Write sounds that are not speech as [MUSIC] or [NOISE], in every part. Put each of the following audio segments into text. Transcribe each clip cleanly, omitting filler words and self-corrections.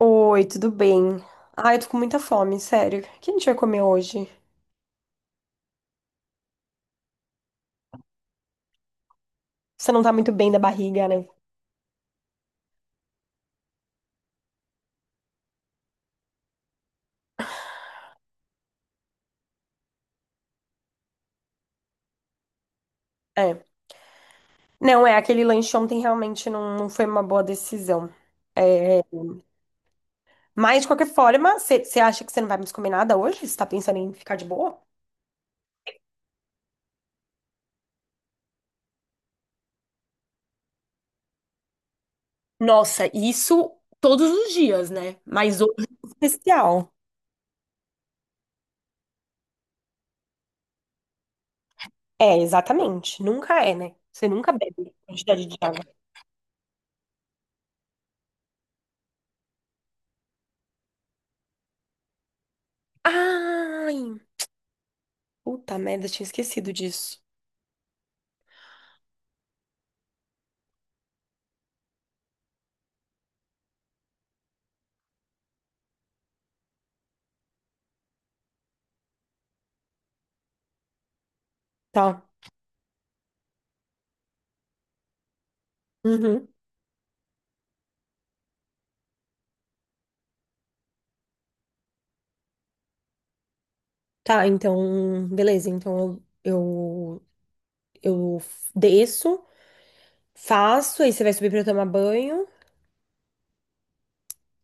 Oi, tudo bem? Ai, eu tô com muita fome, sério. O que a gente vai comer hoje? Você não tá muito bem da barriga, né? É. Não, é, aquele lanche ontem realmente não, não foi uma boa decisão. É, mas, de qualquer forma, você acha que você não vai mais comer nada hoje? Você tá pensando em ficar de boa? Nossa, isso todos os dias, né? Mas hoje, é especial. É, exatamente. Nunca é, né? Você nunca bebe quantidade de água. Ai, puta merda, tinha esquecido disso. Tá. Tá, então, beleza. Então eu desço, faço, aí você vai subir pra eu tomar banho.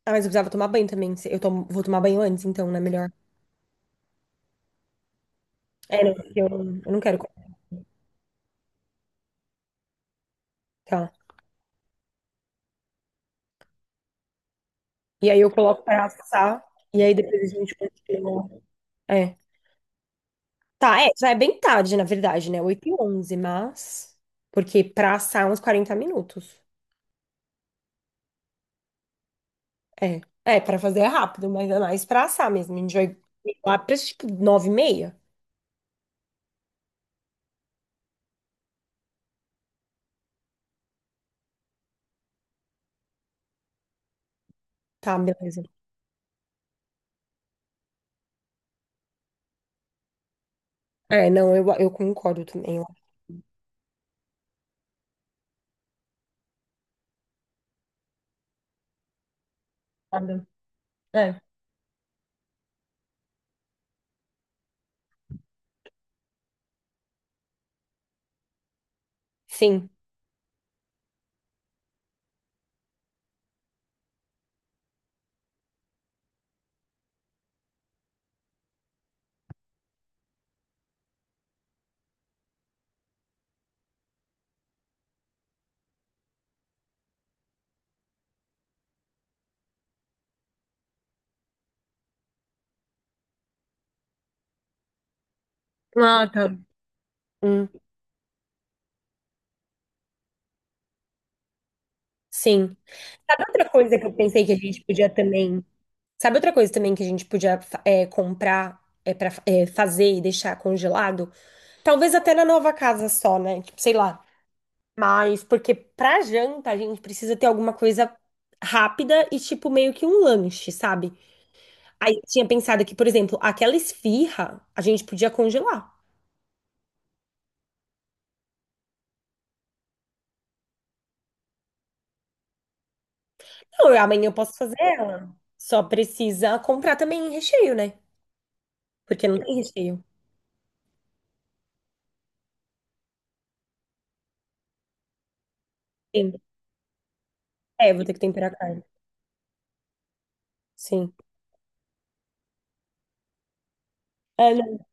Ah, mas eu precisava tomar banho também. Vou tomar banho antes, então, né? Melhor. É, não, porque eu não quero. Tá. E aí eu coloco pra assar, e aí depois a gente continua. É. Tá, é, já é bem tarde, na verdade, né? 8:11, mas. Porque pra assar é uns 40 minutos. É. É, pra fazer é rápido, mas é mais pra assar mesmo. A gente vai lá pra tipo 9:30. Tá, beleza. É, não, eu concordo também. Eu Sabe? É. Sim, ah, tá. Hum, sim. Sabe outra coisa que eu pensei que a gente podia também. Sabe outra coisa também que a gente podia comprar para fazer e deixar congelado? Talvez até na nova casa só, né? Tipo, sei lá. Mas porque pra janta a gente precisa ter alguma coisa rápida e tipo meio que um lanche, sabe? Aí eu tinha pensado que, por exemplo, aquela esfirra a gente podia congelar. Não, amanhã eu posso fazer ela. Só precisa comprar também recheio, né? Porque não tem recheio. Sim. É, eu vou ter que temperar a carne. Sim. É, não,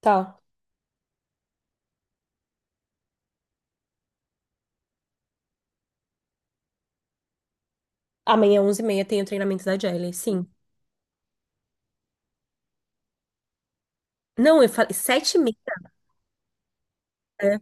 tá. Amanhã, 11h30, tem o treinamento da Jelly, sim. Não, eu falei 7:30. Né?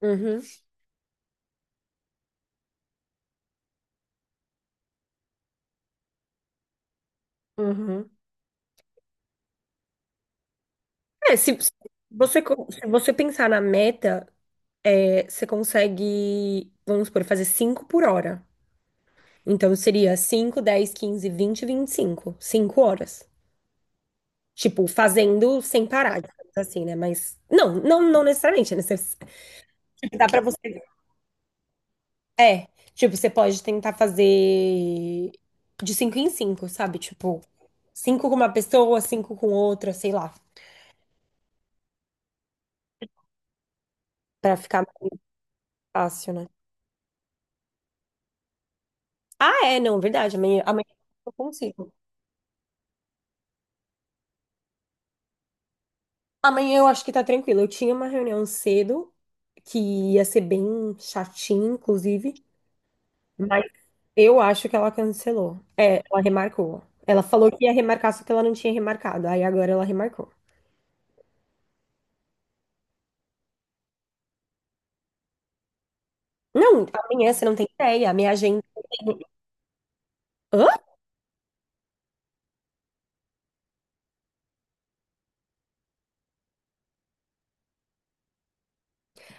Uhum, uhum. É, se você pensar na meta, é, você consegue, vamos supor, fazer 5 por hora. Então, seria cinco, 10, 15, 20, 25, 5 horas. Tipo, fazendo sem parar, digamos assim, né? Mas não, não, não necessariamente, né? Dá pra você. Tipo, você pode tentar fazer de cinco em cinco, sabe? Tipo, cinco com uma pessoa, cinco com outra, sei lá, pra ficar mais fácil, né? Ah, é, não, verdade. Amanhã, amanhã eu consigo. Amanhã eu acho que tá tranquilo. Eu tinha uma reunião cedo que ia ser bem chatinha, inclusive. Eu acho que ela cancelou. É, ela remarcou. Ela falou que ia remarcar, só que ela não tinha remarcado. Aí agora ela remarcou. Não, amanhã você não tem ideia. A minha agenda. Hã?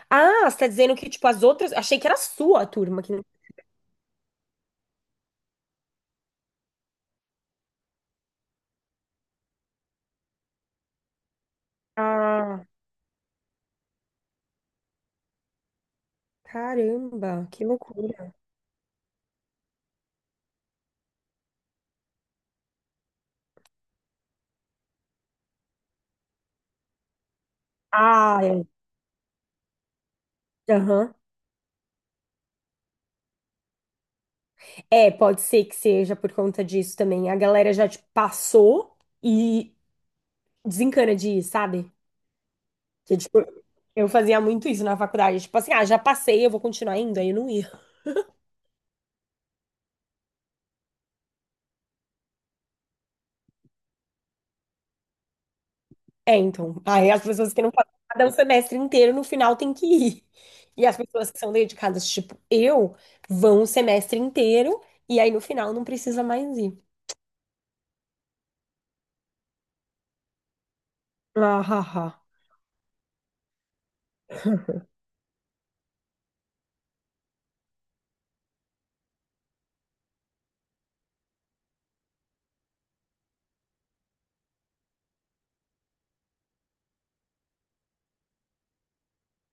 Ah, você tá dizendo que, tipo, as outras. Achei que era a sua turma que não. Ah, caramba, que loucura. Ah, é. Aham. É, pode ser que seja por conta disso também. A galera já, tipo, passou e desencana de ir, sabe? Que, tipo, eu fazia muito isso na faculdade. Tipo assim, ah, já passei, eu vou continuar indo. Aí eu não ia. É, então. Aí as pessoas que não fazem nada o semestre inteiro, no final tem que ir. E as pessoas que são dedicadas, tipo eu, vão o semestre inteiro e aí no final não precisa mais ir. Ah, ha, ha.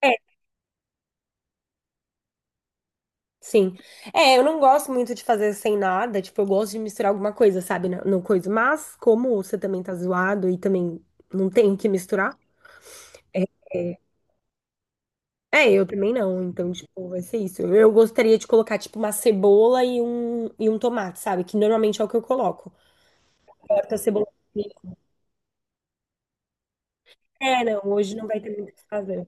É, sim. É, eu não gosto muito de fazer sem nada, tipo, eu gosto de misturar alguma coisa, sabe, no coisa. Mas como você também tá zoado e também não tem o que misturar, é, é, eu também não. Então, tipo, vai ser isso. Eu gostaria de colocar, tipo, uma cebola e um tomate, sabe? Que normalmente é o que eu coloco. Tá cebola. É, não, hoje não vai ter muito o que fazer.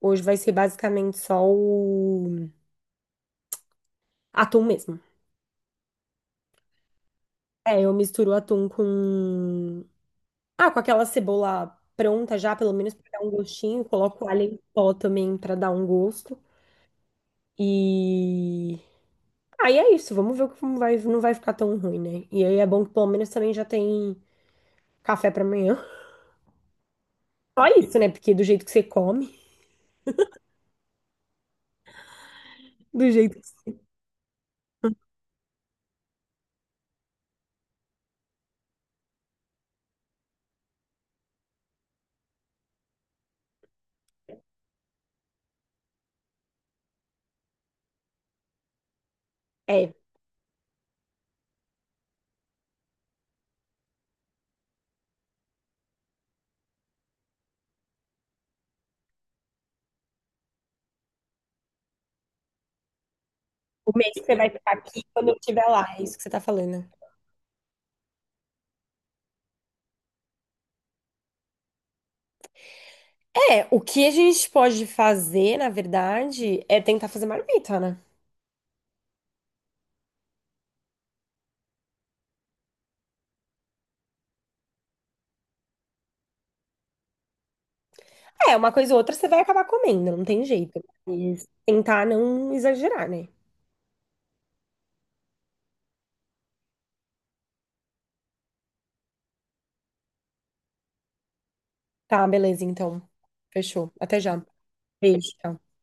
Hoje vai ser basicamente só o atum mesmo. É, eu misturo o atum com. Ah, com aquela cebola pronta já, pelo menos pra dar um gostinho. Coloco alho em pó também pra dar um gosto. E. Aí é isso, vamos ver como vai, não vai ficar tão ruim, né? E aí é bom que pelo menos também já tem café pra amanhã. [LAUGHS] Só isso, né? Porque do jeito que você come, do jeito que. É, o mês que você vai ficar aqui quando eu estiver lá, é isso que você tá falando. É, o que a gente pode fazer, na verdade, é tentar fazer marmita, né? É, uma coisa ou outra você vai acabar comendo, não tem jeito. Mas tentar não exagerar, né? Tá, beleza, então. Fechou. Até já. Beijo. Tchau.